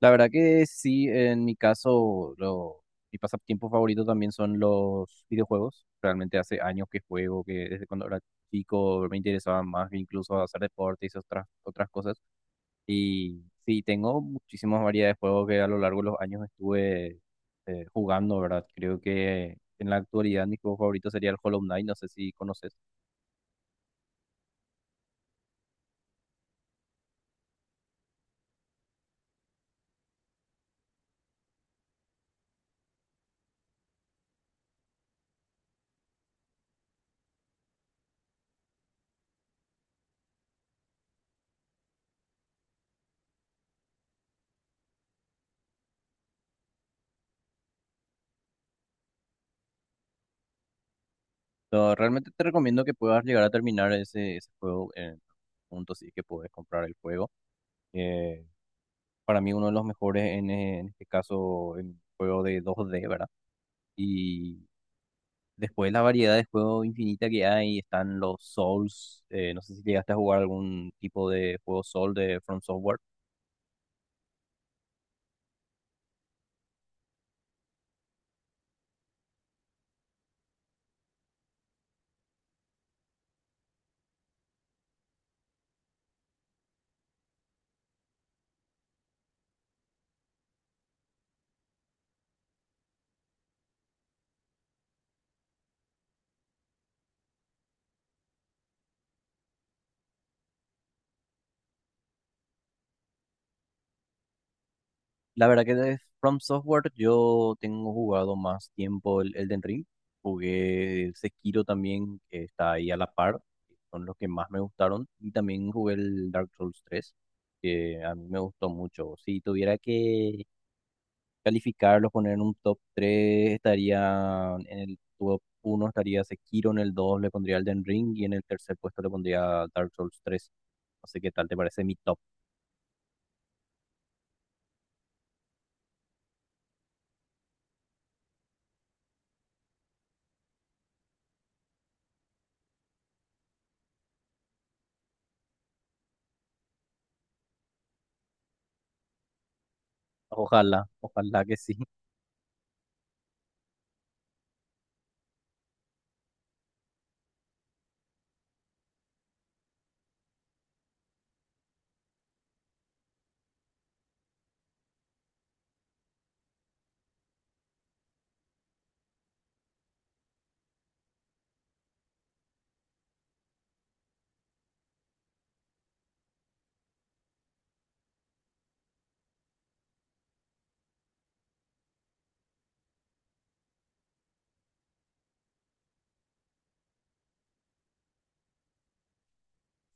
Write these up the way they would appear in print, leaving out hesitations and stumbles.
La verdad que sí, en mi caso, mi pasatiempo favorito también son los videojuegos. Realmente hace años que juego, que desde cuando era chico me interesaba más que incluso hacer deporte y otras cosas. Y sí, tengo muchísimas variedades de juegos que a lo largo de los años estuve jugando, ¿verdad? Creo que en la actualidad mi juego favorito sería el Hollow Knight, no sé si conoces. Pero realmente te recomiendo que puedas llegar a terminar ese juego en punto, sí que puedes comprar el juego. Eh, para mí uno de los mejores en este caso el juego de 2D, ¿verdad? Y después la variedad de juegos infinita que hay, están los Souls, no sé si llegaste a jugar algún tipo de juego Soul de From Software. La verdad que de From Software yo tengo jugado más tiempo el Elden Ring, jugué el Sekiro también, que está ahí a la par, son los que más me gustaron, y también jugué el Dark Souls 3 que a mí me gustó mucho. Si tuviera que calificarlos, poner en un top tres, estaría en el top uno estaría Sekiro, en el 2 le pondría Elden Ring y en el tercer puesto le pondría Dark Souls 3. No sé qué tal te parece mi top. Ojalá, ojalá que sí.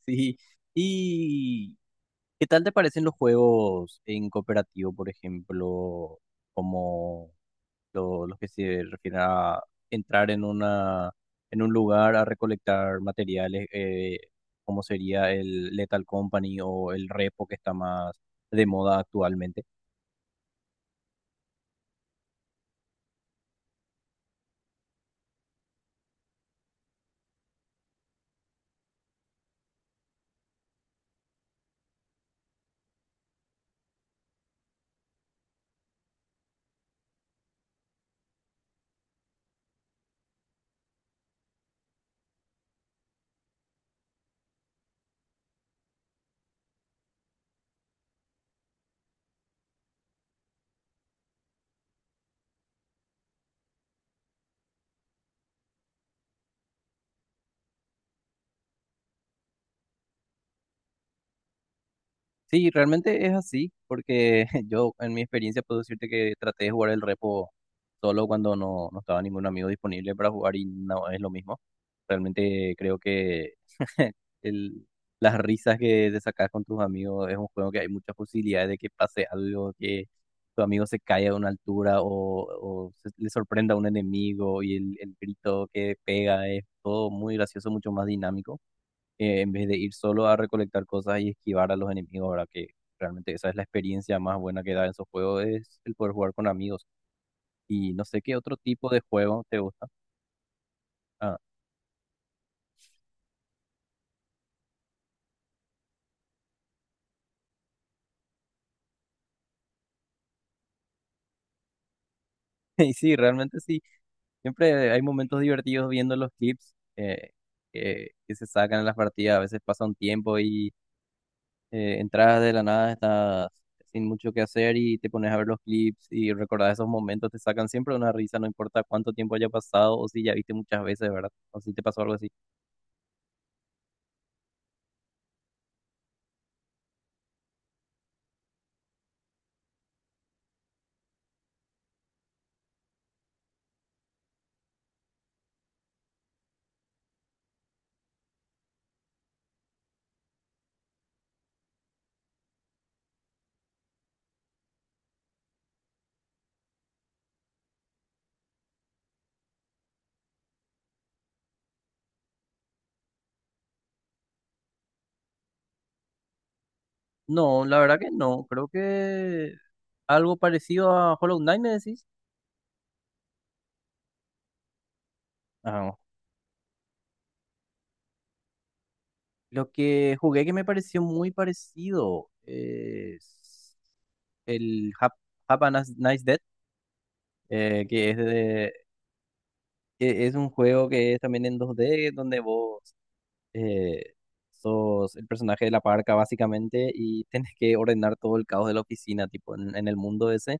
Sí. ¿Y qué tal te parecen los juegos en cooperativo, por ejemplo, como los que se refieren a entrar en en un lugar a recolectar materiales, como sería el Lethal Company o el Repo, que está más de moda actualmente? Sí, realmente es así, porque yo en mi experiencia puedo decirte que traté de jugar el repo solo cuando no estaba ningún amigo disponible para jugar, y no es lo mismo. Realmente creo que el- las risas que te sacas con tus amigos. Es un juego que hay muchas posibilidades de que pase algo, que tu amigo se caiga a una altura o le sorprenda a un enemigo y el grito que pega es todo muy gracioso, mucho más dinámico, en vez de ir solo a recolectar cosas y esquivar a los enemigos, ¿verdad? Que realmente esa es la experiencia más buena que da en esos juegos, es el poder jugar con amigos. Y no sé qué otro tipo de juego te gusta. Ah, y sí, realmente sí, siempre hay momentos divertidos viendo los clips, que se sacan en las partidas. A veces pasa un tiempo y entras de la nada, estás sin mucho que hacer y te pones a ver los clips y recordar esos momentos, te sacan siempre una risa, no importa cuánto tiempo haya pasado o si ya viste muchas veces, ¿verdad? O si te pasó algo así. No, la verdad que no. Creo que algo parecido a Hollow Knight, me decís. Ah, lo que jugué que me pareció muy parecido es el Hap- Have a Nice Nice Death, eh, que es, de- que es un juego que es también en 2D, donde vos eh, sos el personaje de la parca, básicamente, y tenés que ordenar todo el caos de la oficina, tipo en el mundo ese,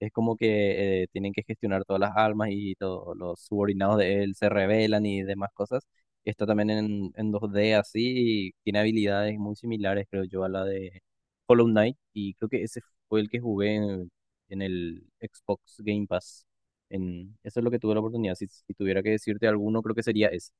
es como que tienen que gestionar todas las almas y todos los subordinados de él se rebelan y demás cosas. Está también en 2D así, y tiene habilidades muy similares, creo yo, a la de Hollow Knight, y creo que ese fue el que jugué en el Xbox Game Pass. En, eso es lo que tuve la oportunidad. Si, si tuviera que decirte alguno, creo que sería ese.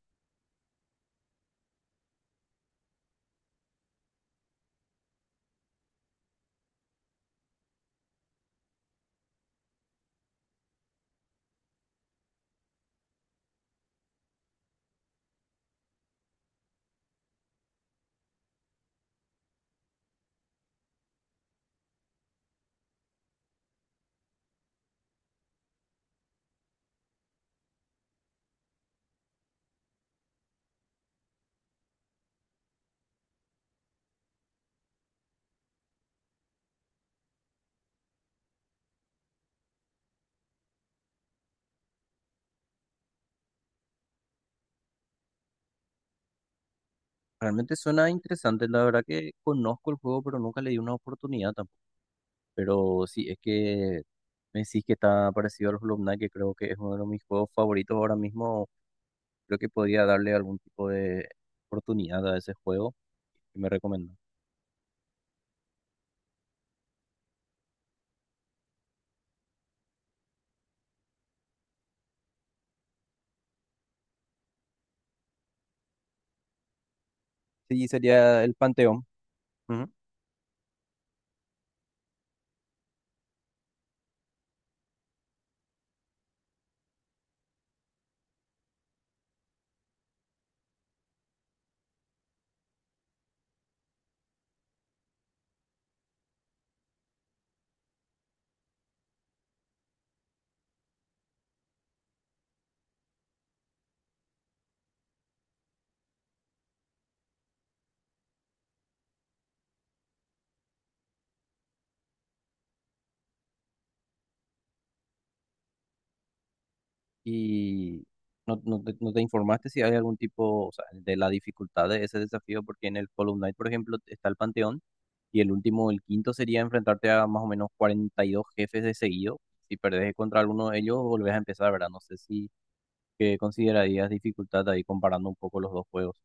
Realmente suena interesante, la verdad que conozco el juego, pero nunca le di una oportunidad tampoco. Pero sí, es que me decís que está parecido al Hollow Knight, que creo que es uno de mis juegos favoritos ahora mismo. Creo que podría darle algún tipo de oportunidad a ese juego que me recomienda. Sí, sería el Panteón. Ujú. Y no, no te informaste si hay algún tipo, o sea, de la dificultad de ese desafío, porque en el Hollow Knight, por ejemplo, está el Panteón. Y el último, el quinto, sería enfrentarte a más o menos 42 jefes de seguido. Si perdés contra alguno de ellos, volvés a empezar, ¿verdad? No sé si que considerarías dificultad ahí comparando un poco los dos juegos.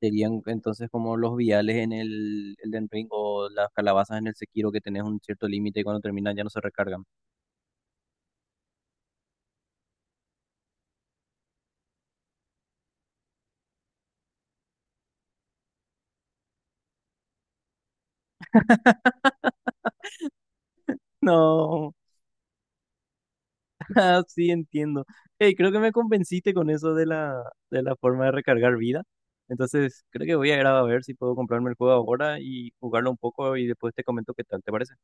Serían entonces como los viales en el Elden Ring o las calabazas en el Sekiro, que tenés un cierto límite y cuando terminan ya no se recargan. No, ah, sí, entiendo. Hey, creo que me convenciste con eso de de la forma de recargar vida. Entonces, creo que voy a ir a ver si puedo comprarme el juego ahora y jugarlo un poco y después te comento qué tal, ¿te parece?